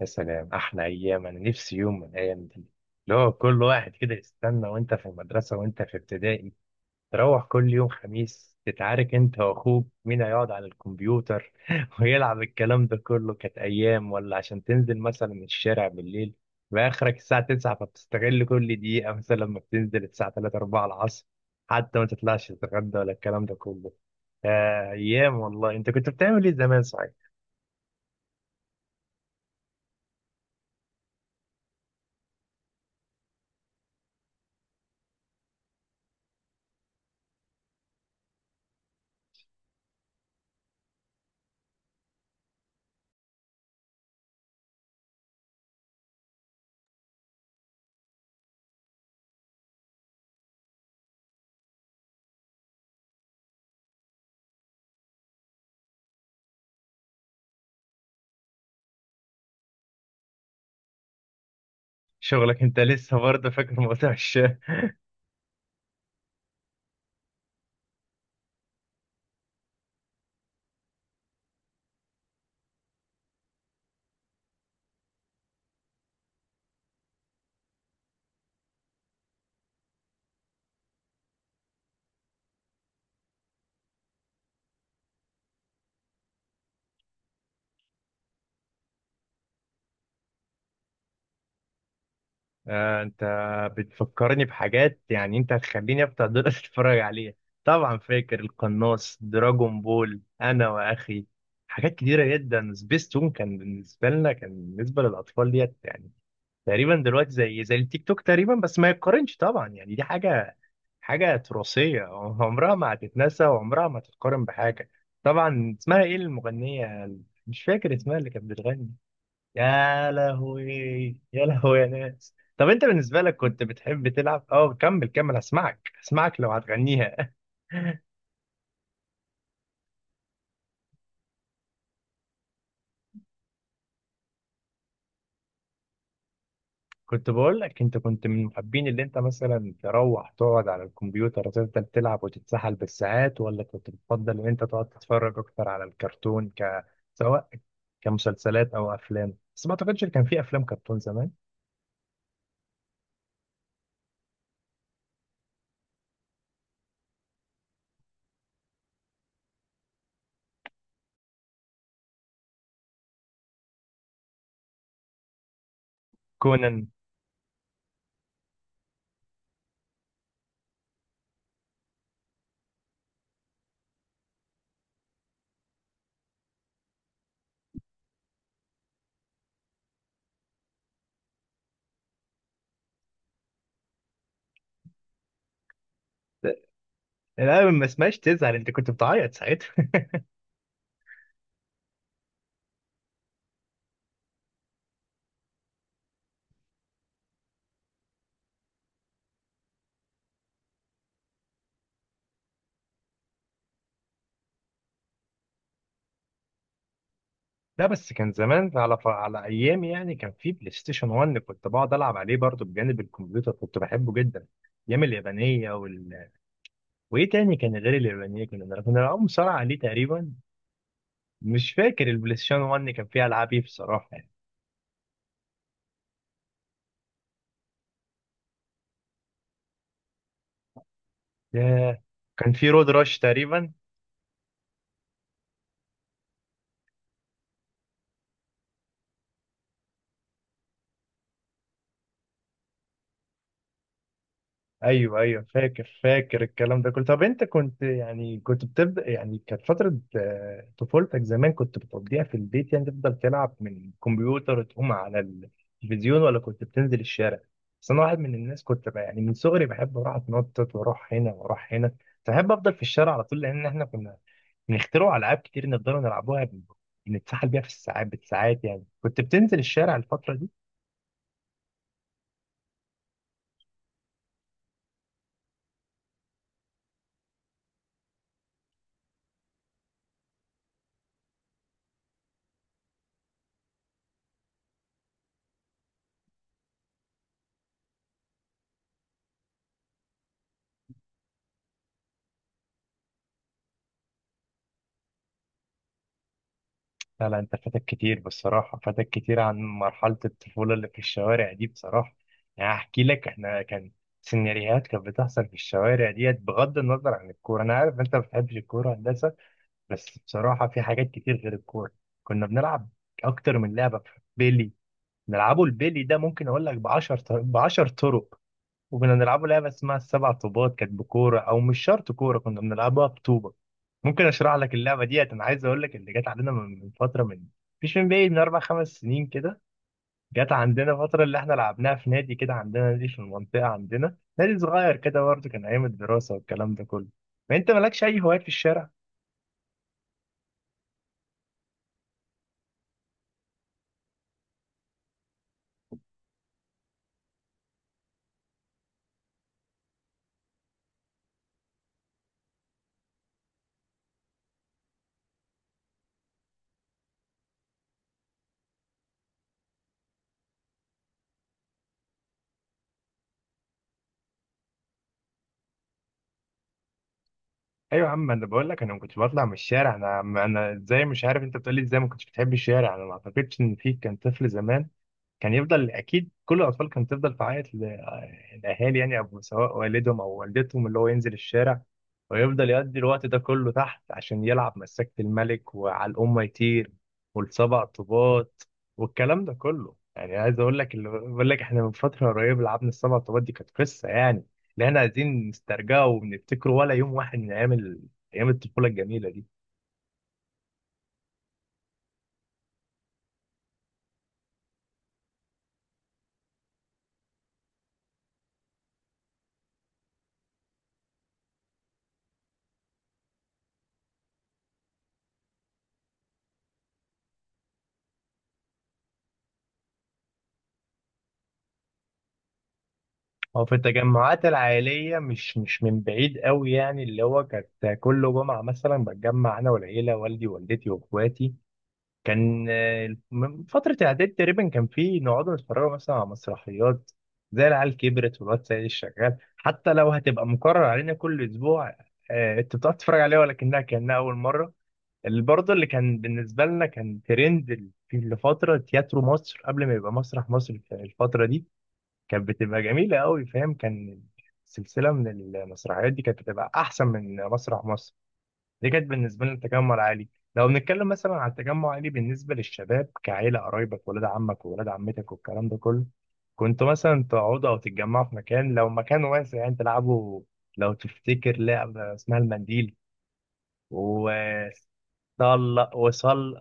يا سلام احلى ايام. انا نفسي يوم من الايام دي، اللي هو كل واحد كده يستنى وانت في المدرسه وانت في ابتدائي تروح كل يوم خميس تتعارك انت واخوك مين هيقعد على الكمبيوتر ويلعب الكلام ده كله. كانت ايام، ولا عشان تنزل مثلا الشارع بالليل باخرك الساعه 9، فبتستغل كل دقيقه مثلا لما بتنزل الساعه 3 4 العصر حتى ما تطلعش تتغدى ولا الكلام ده كله. ايام والله. انت كنت بتعمل ايه زمان؟ صحيح، شغلك انت لسه برضه فاكر موضوع الشارع. انت بتفكرني بحاجات، يعني انت هتخليني افتح دول اتفرج عليها. طبعا فاكر القناص، دراجون بول، انا واخي حاجات كتيره جدا. سبيستون كان بالنسبه لنا، كان بالنسبه للاطفال ديت، يعني تقريبا دلوقتي زي التيك توك تقريبا، بس ما يتقارنش طبعا. يعني دي حاجه تراثيه عمرها ما هتتنسى وعمرها ما هتتقارن بحاجه. طبعا اسمها ايه المغنيه؟ مش فاكر اسمها اللي كانت بتغني. يا لهوي، يا لهوي يا ناس. طب انت بالنسبه لك كنت بتحب تلعب؟ اه، كمل كمل، هسمعك هسمعك لو هتغنيها. كنت بقول لك، انت كنت من محبين اللي انت مثلا تروح تقعد على الكمبيوتر وتفضل تلعب وتتسحل بالساعات، ولا كنت بتفضل ان انت تقعد تتفرج اكتر على الكرتون، سواء كمسلسلات او افلام؟ بس ما اعتقدش ان كان في افلام كرتون زمان. كونان. لا، ما اسمهاش تزعل، انت كنت بتعيط ساعتها. لا بس كان زمان، على ايامي يعني. كان في بلاي ستيشن 1 كنت بقعد العب عليه برضه بجانب الكمبيوتر، كنت بحبه جدا. ايام اليابانيه وايه تاني كان غير اليابانيه؟ كنا بنلعب مصارعه عليه تقريبا. مش فاكر البلاي ستيشن 1 كان فيه العاب ايه بصراحه يعني. ياه. كان في رود راش تقريبا. ايوه ايوه، فاكر فاكر الكلام ده كله. طب انت كنت يعني كنت بتبدا يعني، كانت فتره طفولتك زمان كنت بتقضيها في البيت؟ يعني تفضل تلعب من الكمبيوتر تقوم على التلفزيون، ولا كنت بتنزل الشارع؟ بس انا واحد من الناس كنت بقى يعني من صغري بحب اروح اتنطط واروح هنا واروح هنا، فبحب افضل في الشارع على طول، لان احنا كنا بنخترع العاب كتير نقدر نلعبوها، بنتسحل بيها في الساعات بالساعات يعني. كنت بتنزل الشارع الفتره دي؟ لا لا، انت فاتك كتير بصراحة، فاتك كتير عن مرحلة الطفولة اللي في الشوارع دي بصراحة. يعني احكي لك، احنا كان سيناريوهات كانت بتحصل في الشوارع ديت، بغض النظر عن الكورة. انا عارف انت ما بتحبش الكورة، هندسة. بس بصراحة في حاجات كتير غير الكورة. كنا بنلعب اكتر من لعبة. بيلي، نلعبه. البيلي ده ممكن اقول لك ب 10 ب 10 طرق. وكنا بنلعبوا لعبة اسمها السبع طوبات، كانت بكورة أو مش شرط كورة، كنا بنلعبها بطوبة. ممكن أشرح لك اللعبة ديت. أنا عايز أقول لك اللي جت علينا من فترة، مش من بعيد، من أربع خمس سنين كده. جت عندنا فترة اللي إحنا لعبناها في نادي كده، عندنا نادي في المنطقة، عندنا نادي صغير كده برضه، كان أيام الدراسة والكلام ده كله. فأنت مالكش أي هوايات في الشارع؟ ايوه يا عم، انا بقول لك انا ما كنتش بطلع من الشارع. انا ازاي؟ مش عارف انت بتقول لي ازاي ما كنتش بتحب الشارع. انا ما اعتقدش ان في كان طفل زمان كان يفضل، اكيد كل الاطفال كانت تفضل تعيط للاهالي، يعني أو سواء والدهم او والدتهم، اللي هو ينزل الشارع ويفضل يقضي الوقت ده كله تحت عشان يلعب مسكت الملك وعلى الام يطير والسبع طوبات والكلام ده كله. يعني عايز اقول لك، اللي بقول لك احنا من فتره قريبه لعبنا السبع طوبات دي، كانت قصه يعني اللي احنا عايزين نسترجعه ونفتكره، ولا يوم واحد من ايام ايام الطفوله الجميله دي. هو في التجمعات العائليه مش من بعيد قوي يعني، اللي هو كانت كل جمعه مثلا بتجمع انا والعيله، والدي ووالدتي واخواتي. كان من فتره اعداد تقريبا، كان في نقعد نتفرج مثلا على مسرحيات زي العيال كبرت والواد سيد الشغال، حتى لو هتبقى مكرر علينا كل اسبوع. انت بتقعد تتفرج عليها ولكنها كانها اول مره. اللي برضه اللي كان بالنسبة لنا كان ترند في لفترة تياترو مصر، قبل ما يبقى مسرح مصر. في الفترة دي كانت بتبقى جميلة قوي، فاهم. كان سلسلة من المسرحيات دي كانت بتبقى أحسن من مسرح مصر. دي كانت بالنسبة لنا التجمع العالي. لو بنتكلم مثلا عن التجمع العالي بالنسبة للشباب كعيلة، قرايبك ولاد عمك وولاد عمتك والكلام ده كله، كنتوا مثلا تقعدوا أو تتجمعوا في مكان؟ لو مكان واسع يعني تلعبوا. لو تفتكر لعبة اسمها المنديل و صل وصل.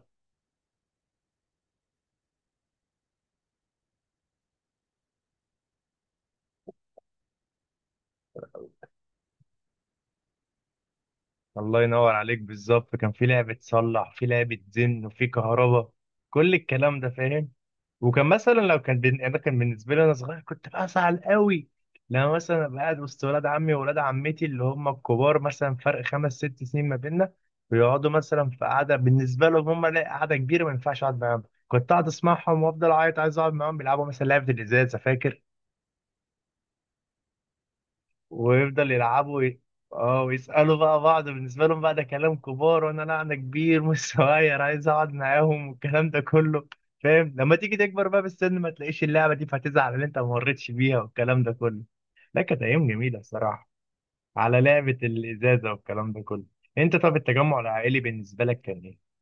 الله ينور عليك بالظبط. كان في لعبة صلح، في لعبة زن، وفي كهرباء، كل الكلام ده فاهم. وكان مثلا انا كان بالنسبة لي انا صغير كنت بزعل قوي لما مثلا ابقى قاعد وسط ولاد عمي وولاد عمتي اللي هم الكبار، مثلا فرق خمس ست سنين ما بيننا، ويقعدوا مثلا في قعدة بالنسبة لهم هم، لا قعدة كبيرة ما ينفعش اقعد معاهم. كنت قاعد اسمعهم وافضل اعيط عايز اقعد معاهم بيلعبوا مثلا لعبة الازاز، فاكر؟ ويفضل يلعبوا اه ويسألوا بقى بعض بالنسبة لهم، بقى ده كلام كبار وانا لا انا كبير مش صغير عايز اقعد معاهم والكلام ده كله، فاهم؟ لما تيجي تكبر بقى بالسن ما تلاقيش اللعبة دي فهتزعل ان انت ما مريتش بيها والكلام ده كله. لا كانت ايام جميلة الصراحة، على لعبة الازازة والكلام ده كله. انت طب التجمع العائلي بالنسبة لك كان ايه؟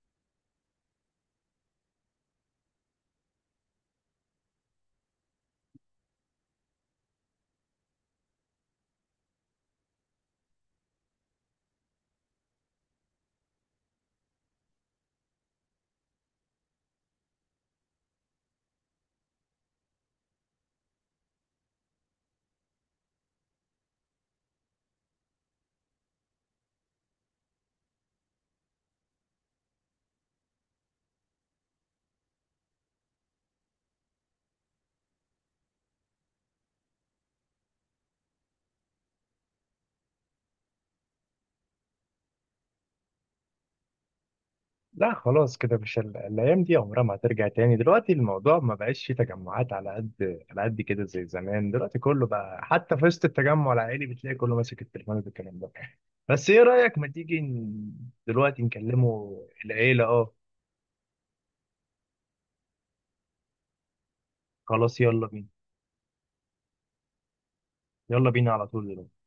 لا خلاص، كده مش الايام دي عمرها ما هترجع تاني. دلوقتي الموضوع ما بقاش فيه تجمعات على قد على قد كده زي زمان. دلوقتي كله بقى حتى في وسط التجمع العائلي بتلاقي كله ماسك التليفون والكلام ده. بس ايه رايك، ما تيجي دلوقتي نكلمه العيله؟ اه، خلاص يلا بينا. يلا بينا على طول دلوقتي.